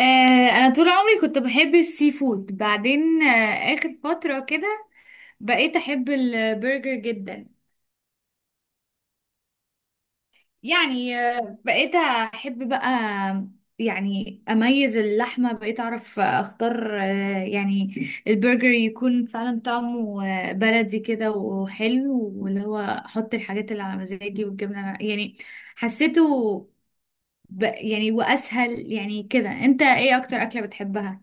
آه، انا طول عمري كنت بحب السي فود. بعدين اخر فترة كده بقيت احب البرجر جدا. يعني بقيت احب بقى. يعني اميز اللحمة بقيت اعرف اختار. يعني البرجر يكون فعلا طعمه بلدي كده وحلو، واللي هو احط الحاجات اللي على مزاجي والجبنة يعني حسيته يعني واسهل يعني كده. انت ايه اكتر اكلة بتحبها؟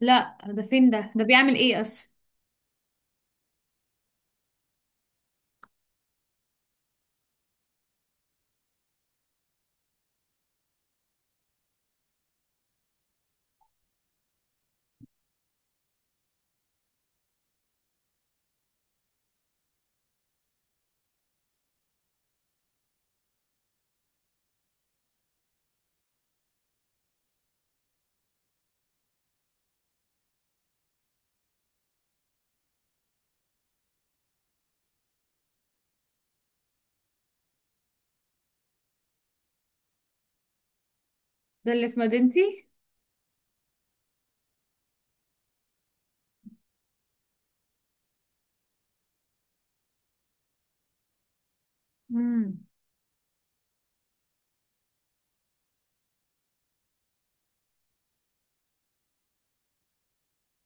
لا، ده فين؟ ده بيعمل ايه اصلا؟ ده اللي في مدينتي. امم.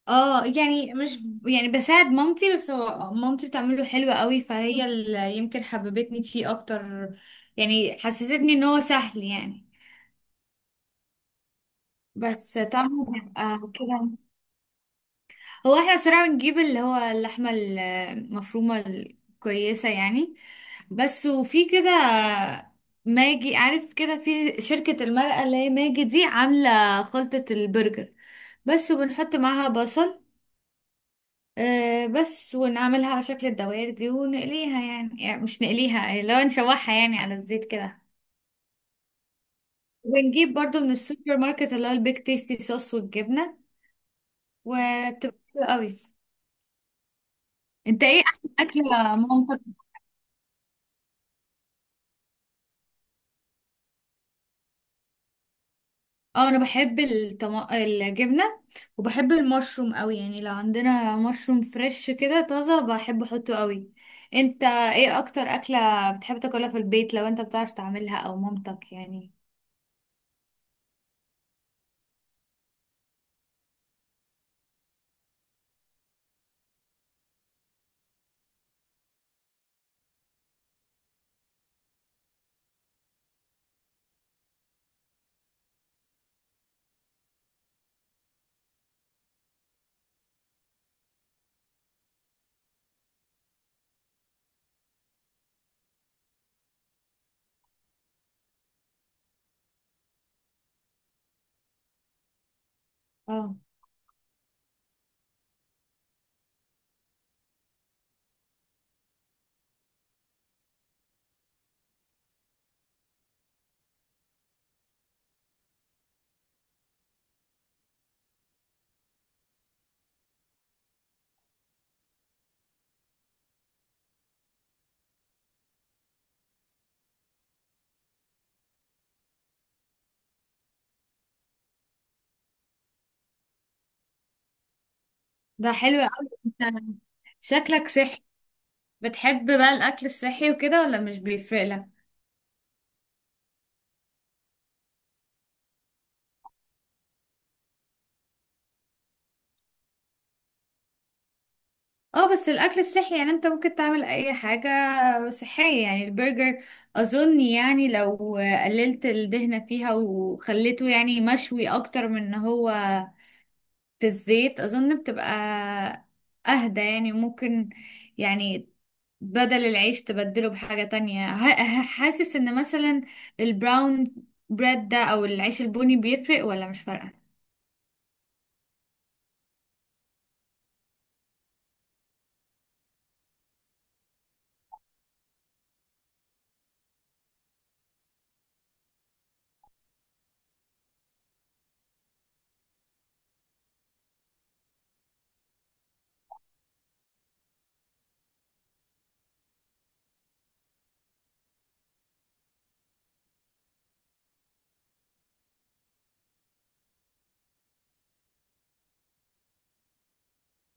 اه، يعني مش، يعني بساعد مامتي، بس هو مامتي بتعمله حلو قوي، فهي اللي يمكن حببتني فيه اكتر. يعني حسستني ان هو سهل، يعني. بس طعمه بيبقى كده. هو احنا بصراحة بنجيب اللي هو اللحمة المفرومة الكويسة، يعني، بس. وفي كده ماجي، عارف كده، في شركة المرقة اللي هي ماجي دي عاملة خلطة البرجر بس، وبنحط معاها بصل، بس، ونعملها على شكل الدوائر دي ونقليها، يعني مش نقليها، لو نشوحها يعني على الزيت كده. ونجيب برضو من السوبر ماركت اللي هو البيك تيستي صوص والجبنة، وبتبقى حلوة قوي. انت ايه احسن اكلة مامتك؟ اه، انا بحب الجبنة. وبحب المشروم قوي، يعني لو عندنا مشروم فريش كده طازة بحب احطه قوي. انت ايه اكتر اكلة بتحب تاكلها في البيت، لو انت بتعرف تعملها او مامتك، يعني؟ اه، ده حلو قوي، انت شكلك صحي. بتحب بقى الاكل الصحي وكده ولا مش بيفرق لك؟ اه، بس الاكل الصحي يعني انت ممكن تعمل اي حاجة صحية. يعني البرجر اظن يعني لو قللت الدهنة فيها وخليته يعني مشوي اكتر من ان هو في الزيت، اظن بتبقى اهدى، يعني ممكن يعني بدل العيش تبدله بحاجة تانية. حاسس ان مثلا البراون بريد ده، او العيش البني، بيفرق ولا مش فارقة؟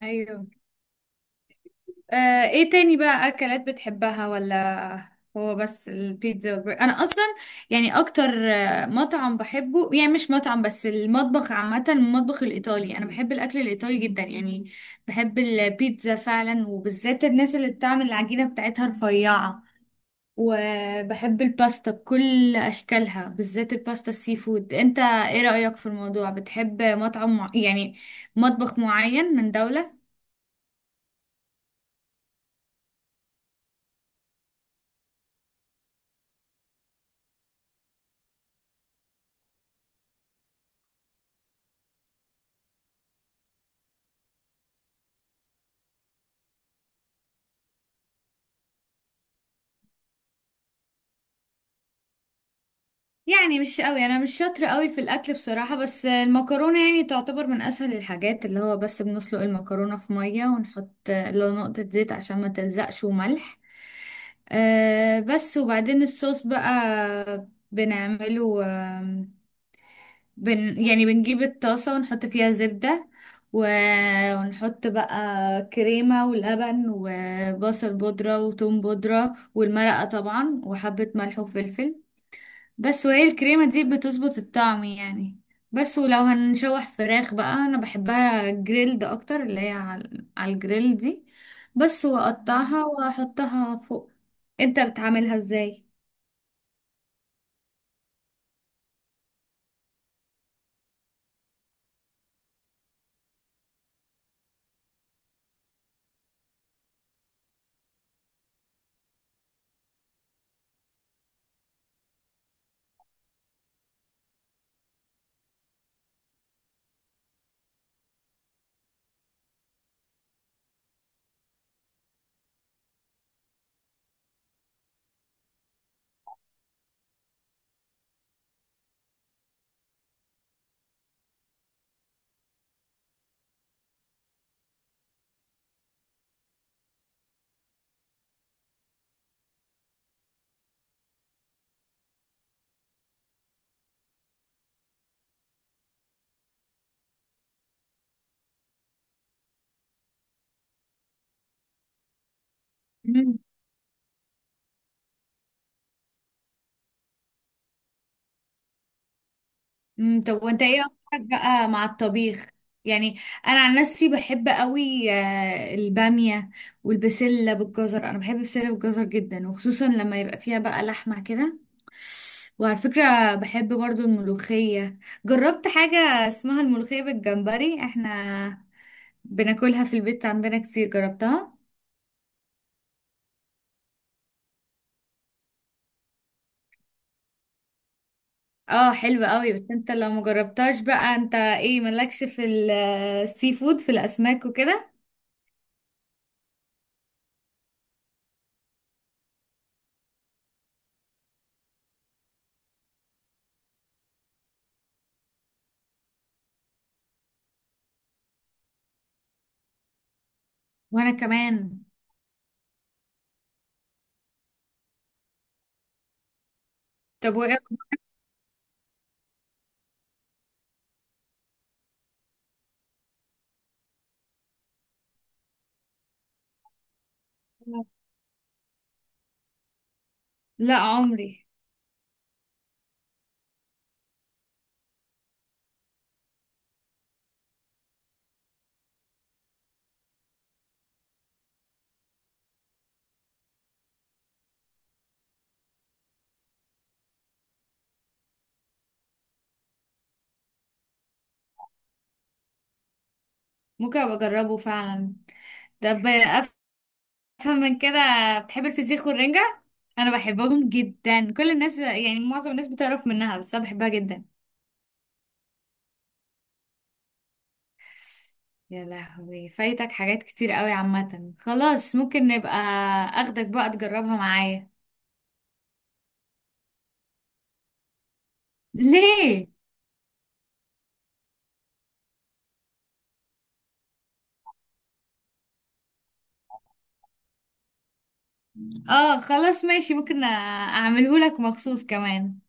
ايوه. ايه تاني بقى اكلات بتحبها، ولا هو بس البيتزا والبرجر؟ انا اصلا يعني اكتر مطعم بحبه، يعني مش مطعم بس، المطبخ عامة، المطبخ الايطالي، انا بحب الاكل الايطالي جدا يعني. بحب البيتزا فعلا، وبالذات الناس اللي بتعمل العجينة بتاعتها رفيعة. وبحب الباستا بكل اشكالها، بالذات الباستا السي فود. انت ايه رأيك في الموضوع، بتحب مطعم يعني مطبخ معين من دولة؟ يعني مش قوي، انا مش شاطره قوي في الاكل بصراحه، بس المكرونه يعني تعتبر من اسهل الحاجات، اللي هو بس بنسلق المكرونه في ميه، ونحط لو نقطه زيت عشان ما تلزقش، وملح. أه، بس. وبعدين الصوص بقى بنعمله آم، بن يعني بنجيب الطاسه ونحط فيها زبده، و- ونحط بقى كريمه ولبن وبصل بودره وتوم بودره والمرقه طبعا وحبه ملح وفلفل، بس. وهي الكريمة دي بتظبط الطعم، يعني. بس ولو هنشوح فراخ بقى انا بحبها جريلد اكتر، اللي هي على الجريل دي، بس واقطعها واحطها فوق. انت بتعملها ازاي؟ مم. طب، وانت ايه اكتر بقى مع الطبيخ؟ يعني انا عن نفسي بحب قوي البامية والبسلة بالجزر، انا بحب البسلة بالجزر جدا، وخصوصا لما يبقى فيها بقى لحمة كده. وعلى فكرة بحب برضو الملوخية. جربت حاجة اسمها الملوخية بالجمبري، احنا بناكلها في البيت عندنا كتير، جربتها. اه، حلوة قوي. بس انت لو مجربتهاش بقى، انت ايه مالكش في السي فود، في الاسماك وكده؟ وانا كمان. طب وايه أكتر؟ لا عمري. ممكن ابقى اجربه فعلا. طب افهم من كده، بتحب الفسيخ والرنجة؟ انا بحبهم جدا، كل الناس يعني معظم الناس بتعرف منها، بس انا بحبها جدا. يا لهوي، فايتك حاجات كتير قوي. عامة خلاص ممكن نبقى اخدك بقى تجربها معايا. ليه؟ اه، خلاص ماشي. ممكن اعمله لك مخصوص كمان.